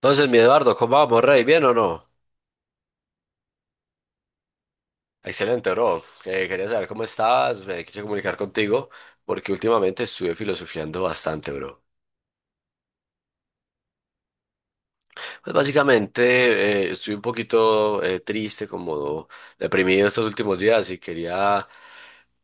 Entonces, mi Eduardo, ¿cómo vamos, Rey? ¿Bien o no? Excelente, bro. Quería saber cómo estás, me quise comunicar contigo porque últimamente estuve filosofiando bastante, bro. Pues básicamente estoy un poquito triste, como deprimido estos últimos días y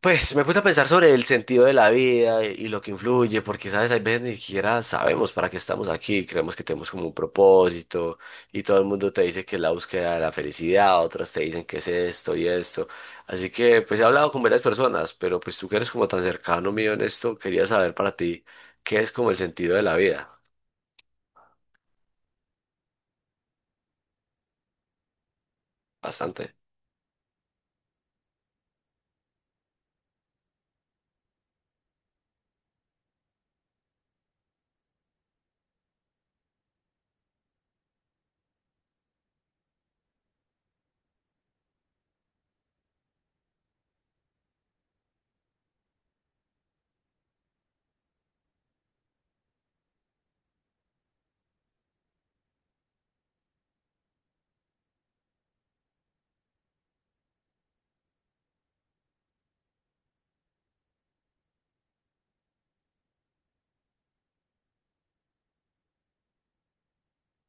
pues me puse a pensar sobre el sentido de la vida y lo que influye, porque sabes, hay veces ni siquiera sabemos para qué estamos aquí, creemos que tenemos como un propósito y todo el mundo te dice que es la búsqueda de la felicidad, otras te dicen que es esto y esto. Así que pues he hablado con varias personas, pero pues tú que eres como tan cercano mío en esto, quería saber para ti qué es como el sentido de la vida. Bastante.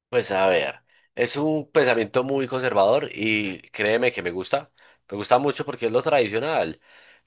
Pues a ver, es un pensamiento muy conservador y créeme que me gusta mucho porque es lo tradicional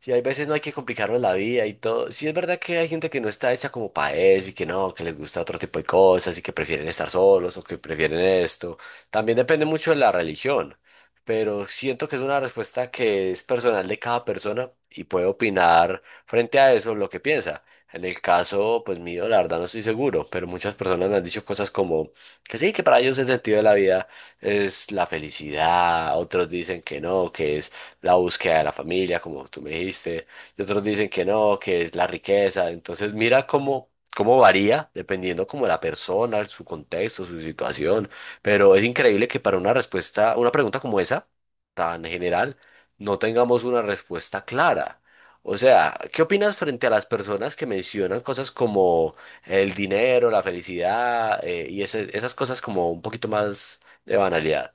y hay veces no hay que complicarnos la vida y todo. Sí es verdad que hay gente que no está hecha como para eso y que no, que les gusta otro tipo de cosas y que prefieren estar solos o que prefieren esto. También depende mucho de la religión, pero siento que es una respuesta que es personal de cada persona y puede opinar frente a eso lo que piensa. En el caso, pues mío, la verdad no estoy seguro, pero muchas personas me han dicho cosas como que sí, que para ellos el sentido de la vida es la felicidad, otros dicen que no, que es la búsqueda de la familia, como tú me dijiste, y otros dicen que no, que es la riqueza. Entonces mira cómo, cómo varía dependiendo como la persona, su contexto, su situación. Pero es increíble que para una respuesta, una pregunta como esa, tan general, no tengamos una respuesta clara. O sea, ¿qué opinas frente a las personas que mencionan cosas como el dinero, la felicidad y esas cosas como un poquito más de banalidad?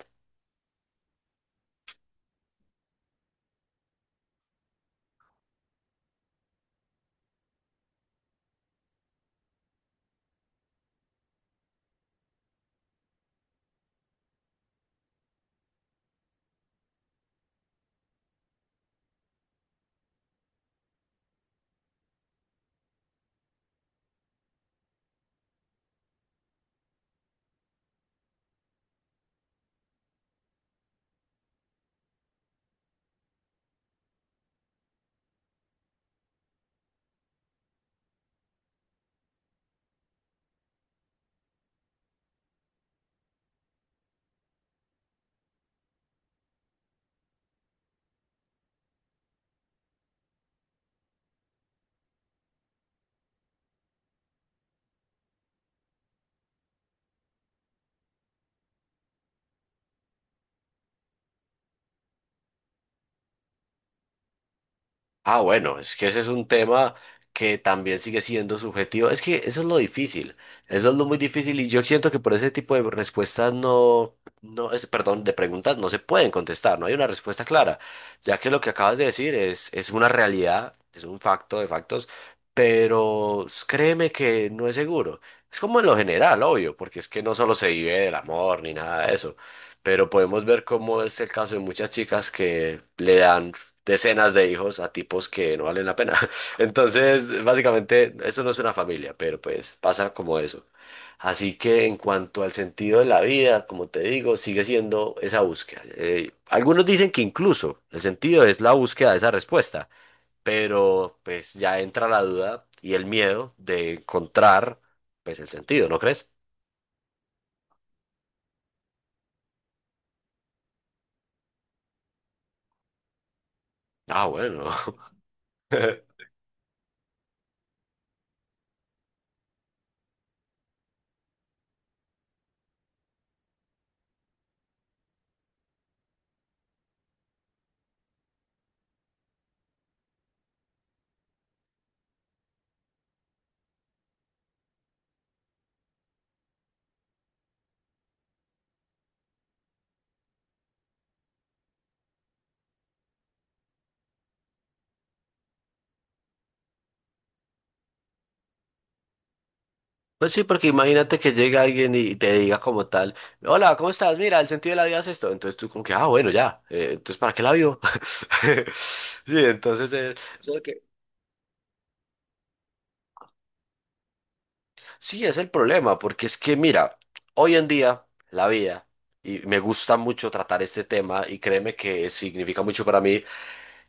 Ah, bueno, es que ese es un tema que también sigue siendo subjetivo. Es que eso es lo difícil, eso es lo muy difícil y yo siento que por ese tipo de respuestas no, no es, perdón, de preguntas no se pueden contestar, no hay una respuesta clara, ya que lo que acabas de decir es una realidad, es un facto de factos, pero créeme que no es seguro. Es como en lo general, obvio, porque es que no solo se vive del amor ni nada de eso, pero podemos ver cómo es el caso de muchas chicas que le dan decenas de hijos a tipos que no valen la pena. Entonces, básicamente, eso no es una familia, pero pues pasa como eso. Así que en cuanto al sentido de la vida, como te digo, sigue siendo esa búsqueda. Algunos dicen que incluso el sentido es la búsqueda de esa respuesta, pero pues ya entra la duda y el miedo de encontrar pues el sentido, ¿no crees? Ah, bueno. Pues sí, porque imagínate que llega alguien y te diga como tal, hola, ¿cómo estás? Mira, el sentido de la vida es esto. Entonces tú como que, ah, bueno, ya, entonces ¿para qué la vivo? Sí, entonces eso es lo que- sí, es el problema, porque es que mira, hoy en día la vida, y me gusta mucho tratar este tema, y créeme que significa mucho para mí,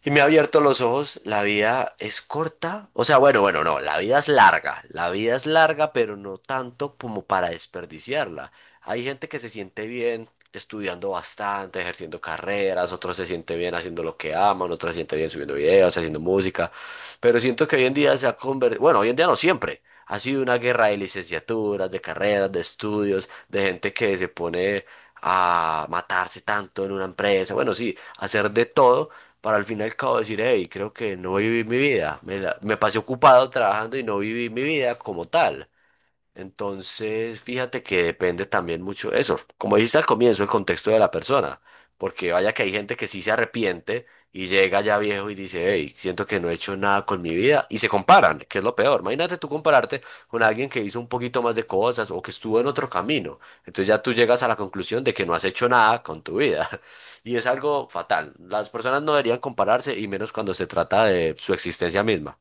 y me ha abierto los ojos, la vida es corta, o sea, bueno, bueno, no, la vida es larga, la vida es larga, pero no tanto como para desperdiciarla. Hay gente que se siente bien estudiando bastante, ejerciendo carreras, otros se siente bien haciendo lo que aman, otros se siente bien subiendo videos, haciendo música, pero siento que hoy en día se ha convertido, bueno, hoy en día no siempre, ha sido una guerra de licenciaturas, de carreras, de estudios, de gente que se pone a matarse tanto en una empresa, bueno, sí, hacer de todo para al fin y al cabo decir, hey, creo que no viví mi vida, me pasé ocupado trabajando y no viví mi vida como tal. Entonces, fíjate que depende también mucho eso. Como dijiste al comienzo, el contexto de la persona. Porque vaya que hay gente que sí se arrepiente y llega ya viejo y dice, hey, siento que no he hecho nada con mi vida. Y se comparan, que es lo peor. Imagínate tú compararte con alguien que hizo un poquito más de cosas o que estuvo en otro camino. Entonces ya tú llegas a la conclusión de que no has hecho nada con tu vida. Y es algo fatal. Las personas no deberían compararse y menos cuando se trata de su existencia misma.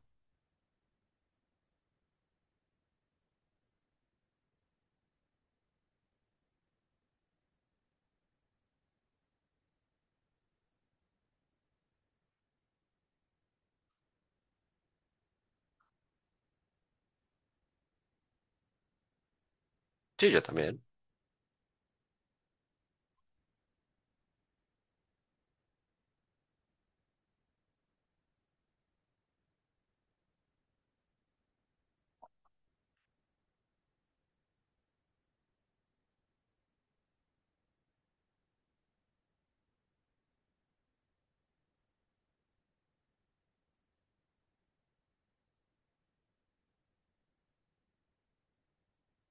Sí, yo también.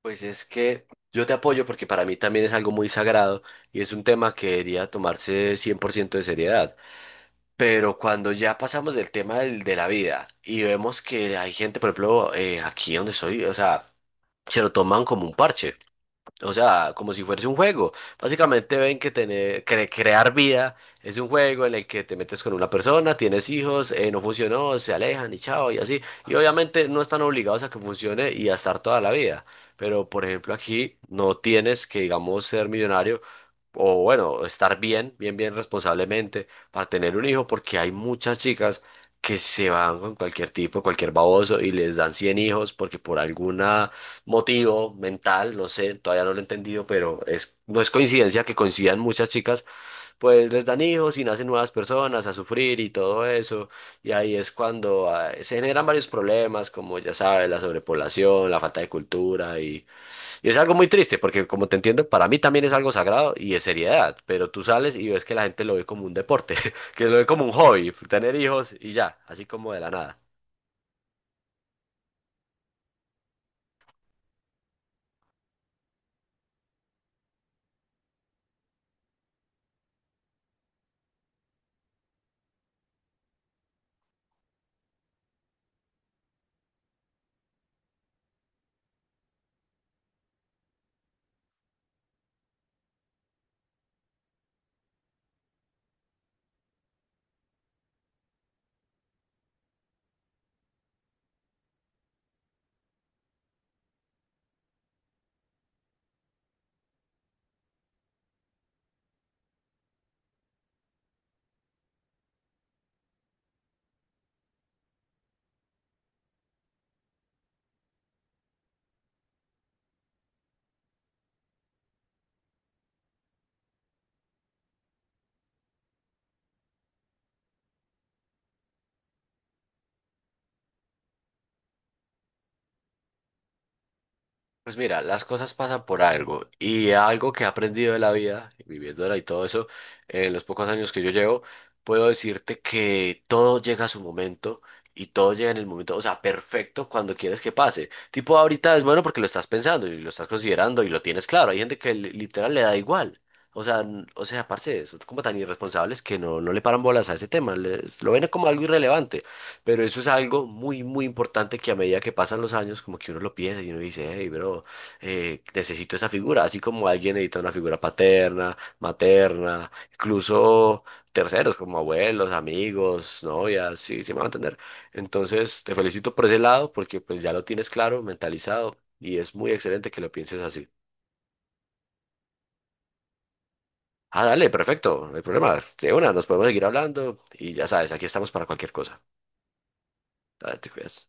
Pues es que yo te apoyo porque para mí también es algo muy sagrado y es un tema que debería tomarse 100% de seriedad. Pero cuando ya pasamos del tema de la vida y vemos que hay gente, por ejemplo, aquí donde soy, o sea, se lo toman como un parche. O sea, como si fuese un juego. Básicamente ven que tener, crear vida es un juego en el que te metes con una persona, tienes hijos, no funcionó, se alejan y chao y así. Y obviamente no están obligados a que funcione y a estar toda la vida. Pero por ejemplo aquí no tienes que, digamos, ser millonario o bueno, estar bien, bien, bien responsablemente para tener un hijo porque hay muchas chicas que se van con cualquier tipo, cualquier baboso y les dan 100 hijos porque por alguna motivo mental, no sé, todavía no lo he entendido, pero es, no es coincidencia que coincidan muchas chicas, pues les dan hijos y nacen nuevas personas a sufrir y todo eso, y ahí es cuando ah, se generan varios problemas, como ya sabes, la sobrepoblación, la falta de cultura, y es algo muy triste, porque como te entiendo, para mí también es algo sagrado y de seriedad, pero tú sales y ves que la gente lo ve como un deporte, que lo ve como un hobby, tener hijos y ya, así como de la nada. Pues mira, las cosas pasan por algo y algo que he aprendido de la vida, viviéndola y todo eso, en los pocos años que yo llevo, puedo decirte que todo llega a su momento y todo llega en el momento, o sea, perfecto cuando quieres que pase. Tipo, ahorita es bueno porque lo estás pensando y lo estás considerando y lo tienes claro. Hay gente que literal le da igual. O sea, o sea, parce, son como tan irresponsables que no, no le paran bolas a ese tema, lo ven como algo irrelevante. Pero eso es algo muy, muy importante que a medida que pasan los años, como que uno lo piensa y uno dice, hey, bro, necesito esa figura. Así como alguien necesita una figura paterna, materna, incluso terceros como abuelos, amigos, novias, sí, sí me van a entender. Entonces, te felicito por ese lado porque pues ya lo tienes claro, mentalizado y es muy excelente que lo pienses así. Ah, dale, perfecto, no hay problema. De una, nos podemos seguir hablando y ya sabes, aquí estamos para cualquier cosa. Dale, te cuidas.